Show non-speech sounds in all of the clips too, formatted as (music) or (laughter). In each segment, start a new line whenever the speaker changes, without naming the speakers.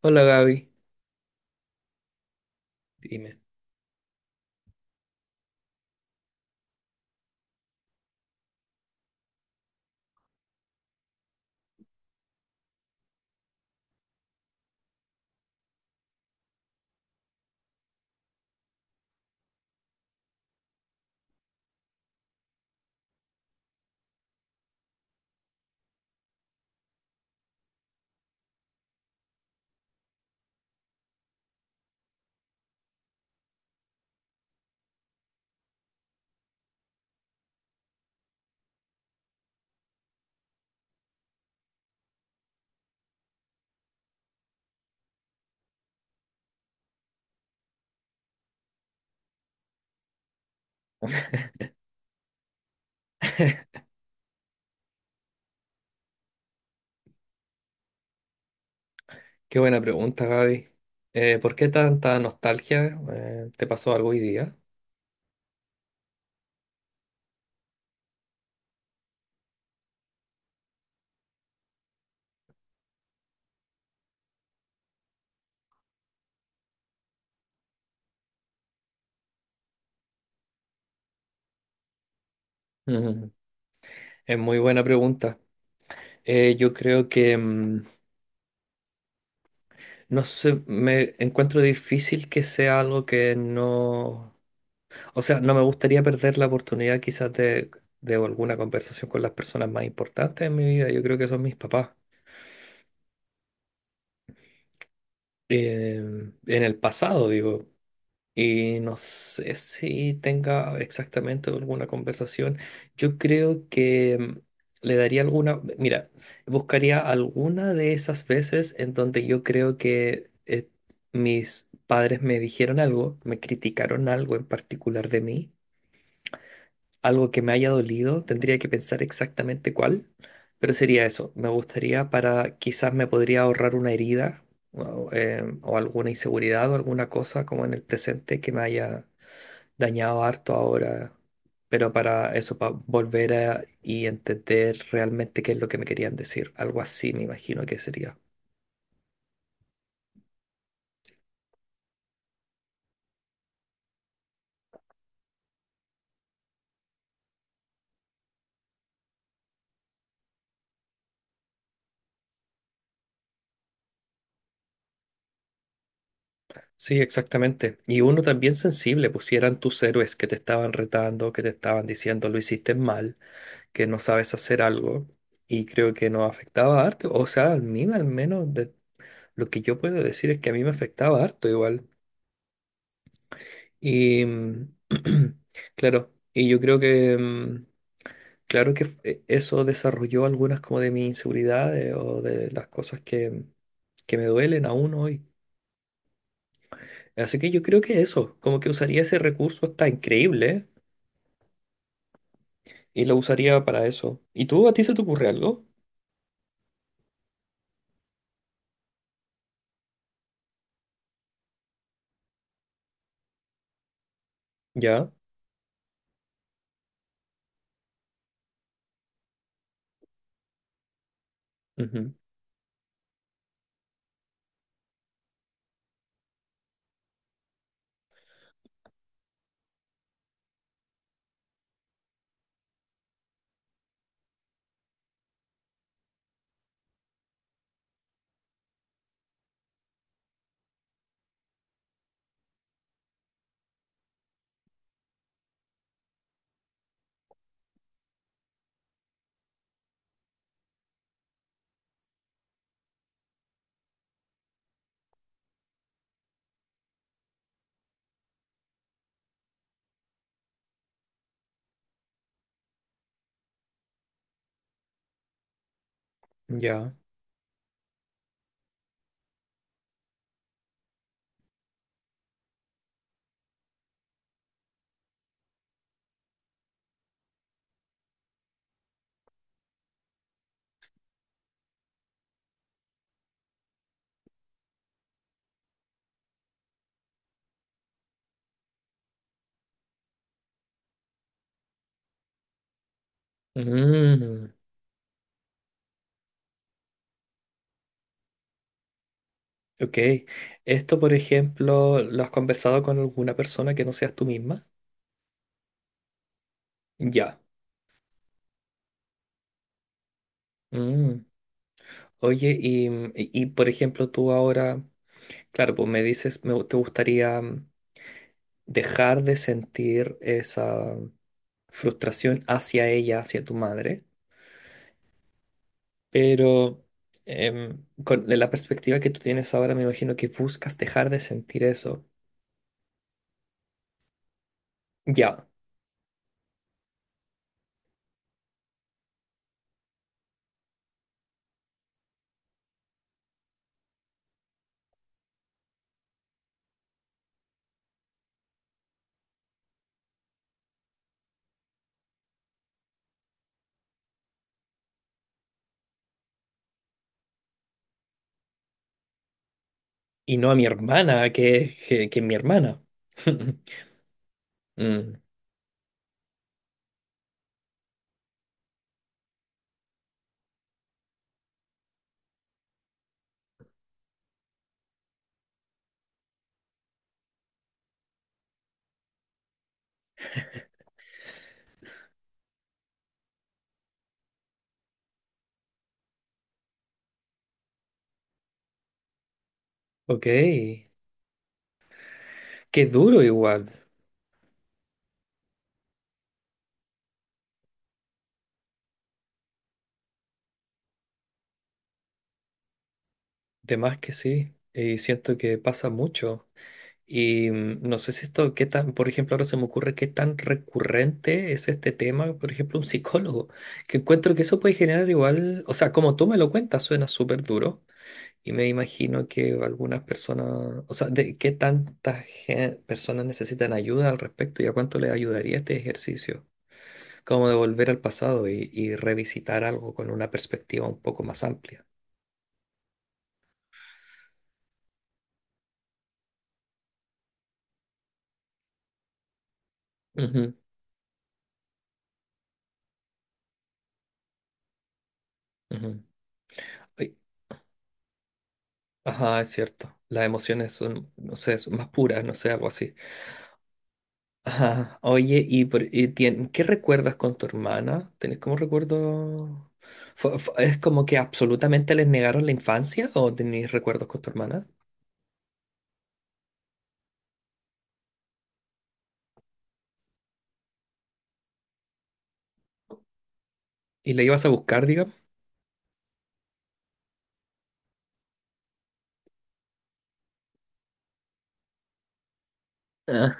Hola Gaby, dime. Qué buena pregunta, Gaby. ¿Por qué tanta nostalgia? ¿Te pasó algo hoy día? (laughs) Es muy buena pregunta. Yo creo que, no sé, me encuentro difícil que sea algo que no... O sea, no me gustaría perder la oportunidad quizás de alguna conversación con las personas más importantes en mi vida. Yo creo que son mis papás. En el pasado, digo. Y no sé si tenga exactamente alguna conversación. Yo creo que le daría alguna, mira, buscaría alguna de esas veces en donde yo creo que mis padres me dijeron algo, me criticaron algo en particular de mí, algo que me haya dolido, tendría que pensar exactamente cuál, pero sería eso. Me gustaría para, quizás me podría ahorrar una herida o, o alguna inseguridad o alguna cosa como en el presente que me haya dañado harto ahora, pero para eso, para volver a y entender realmente qué es lo que me querían decir. Algo así me imagino que sería. Sí, exactamente. Y uno también sensible, pues si eran tus héroes que te estaban retando, que te estaban diciendo lo hiciste mal, que no sabes hacer algo, y creo que nos afectaba harto. O sea, a mí al menos de lo que yo puedo decir es que a mí me afectaba harto igual. Y (clears throat) claro, y yo creo que claro eso desarrolló algunas como de mis inseguridades o de las cosas que me duelen aún hoy. Así que yo creo que eso, como que usaría ese recurso está increíble y lo usaría para eso. ¿Y tú, a ti se te ocurre algo? Ya. Ujú. Ya. Mm. Ok. Esto, por ejemplo, ¿lo has conversado con alguna persona que no seas tú misma? Ya. Mm. Oye, y por ejemplo, tú ahora, claro, pues me dices, me, te gustaría dejar de sentir esa frustración hacia ella, hacia tu madre, pero con la perspectiva que tú tienes ahora, me imagino que buscas dejar de sentir eso. Ya, y no a mi hermana, que mi hermana. (laughs) Mm. Ok, qué duro igual, de más que sí, y siento que pasa mucho. Y no sé si esto, qué tan, por ejemplo, ahora se me ocurre qué tan recurrente es este tema, por ejemplo, un psicólogo, que encuentro que eso puede generar igual, o sea, como tú me lo cuentas, suena súper duro, y me imagino que algunas personas, o sea, de qué tantas personas necesitan ayuda al respecto y a cuánto les ayudaría este ejercicio, como de volver al pasado y revisitar algo con una perspectiva un poco más amplia. Ujú, ujú. Ay. Ajá, es cierto. Las emociones son, no sé, son más puras, no sé, algo así. Ajá. Oye, ¿ qué recuerdas con tu hermana? ¿Tenés como recuerdo? ¿Es como que absolutamente les negaron la infancia o tenés recuerdos con tu hermana? ¿Y la ibas a buscar, digamos? Ah.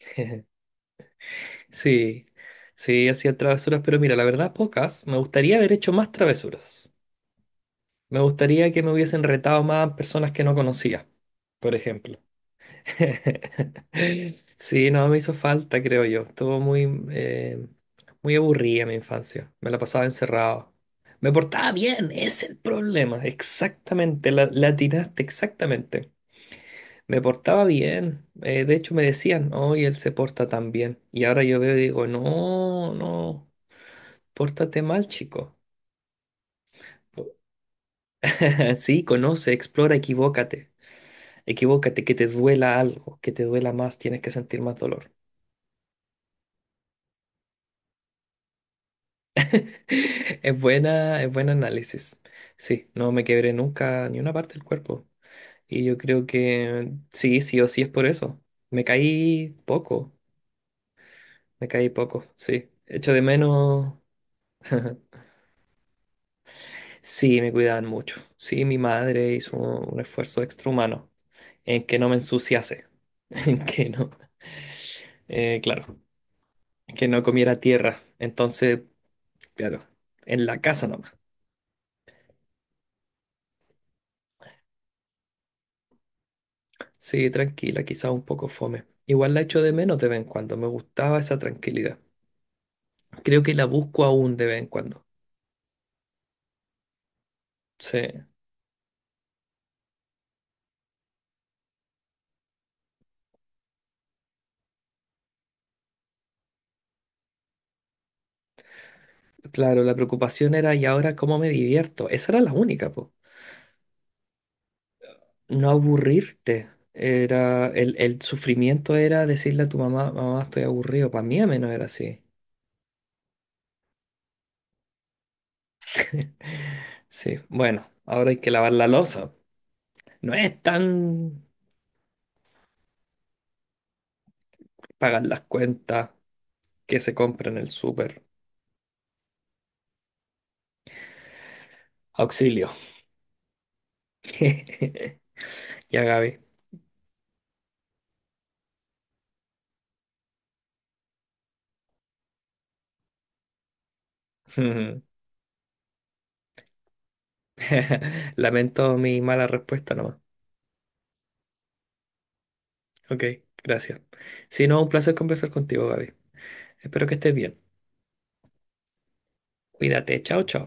(laughs) Sí, sí, hacía travesuras, pero mira, la verdad, pocas. Me gustaría haber hecho más travesuras. Me gustaría que me hubiesen retado más personas que no conocía, por ejemplo. (laughs) Sí, no, me hizo falta, creo yo. Estuvo muy, eh, muy aburrida mi infancia. Me la pasaba encerrado. Me portaba bien, es el problema. Exactamente, la atinaste, exactamente. Me portaba bien. De hecho, me decían, hoy él se porta tan bien. Y ahora yo veo y digo, no, no, pórtate mal, chico. (laughs) Sí, conoce, explora, equivócate. Equivócate, que te duela algo, que te duela más, tienes que sentir más dolor. Es buena, es buen análisis. Sí, no me quebré nunca ni una parte del cuerpo. Y yo creo que sí, sí o sí es por eso. Me caí poco, me caí poco, sí. Echo de menos. (laughs) Sí, me cuidaban mucho. Sí, mi madre hizo un esfuerzo extrahumano en que no me ensuciase, (laughs) en que no, claro, en que no comiera tierra. Entonces, claro, en la casa nomás. Sí, tranquila, quizás un poco fome. Igual la echo de menos de vez en cuando, me gustaba esa tranquilidad. Creo que la busco aún de vez en cuando. Sí, claro, la preocupación era, ¿y ahora cómo me divierto? Esa era la única, po. No aburrirte. Era, el sufrimiento era decirle a tu mamá, mamá, estoy aburrido. Para mí al menos era así. (laughs) Sí, bueno, ahora hay que lavar la loza. No es tan pagar las cuentas que se compra en el súper. Auxilio. (laughs) Ya, Gaby. (laughs) (laughs) Lamento mi mala respuesta nomás. Ok, gracias. Si no, un placer conversar contigo, Gaby. Espero que estés bien. Cuídate, chao, chao.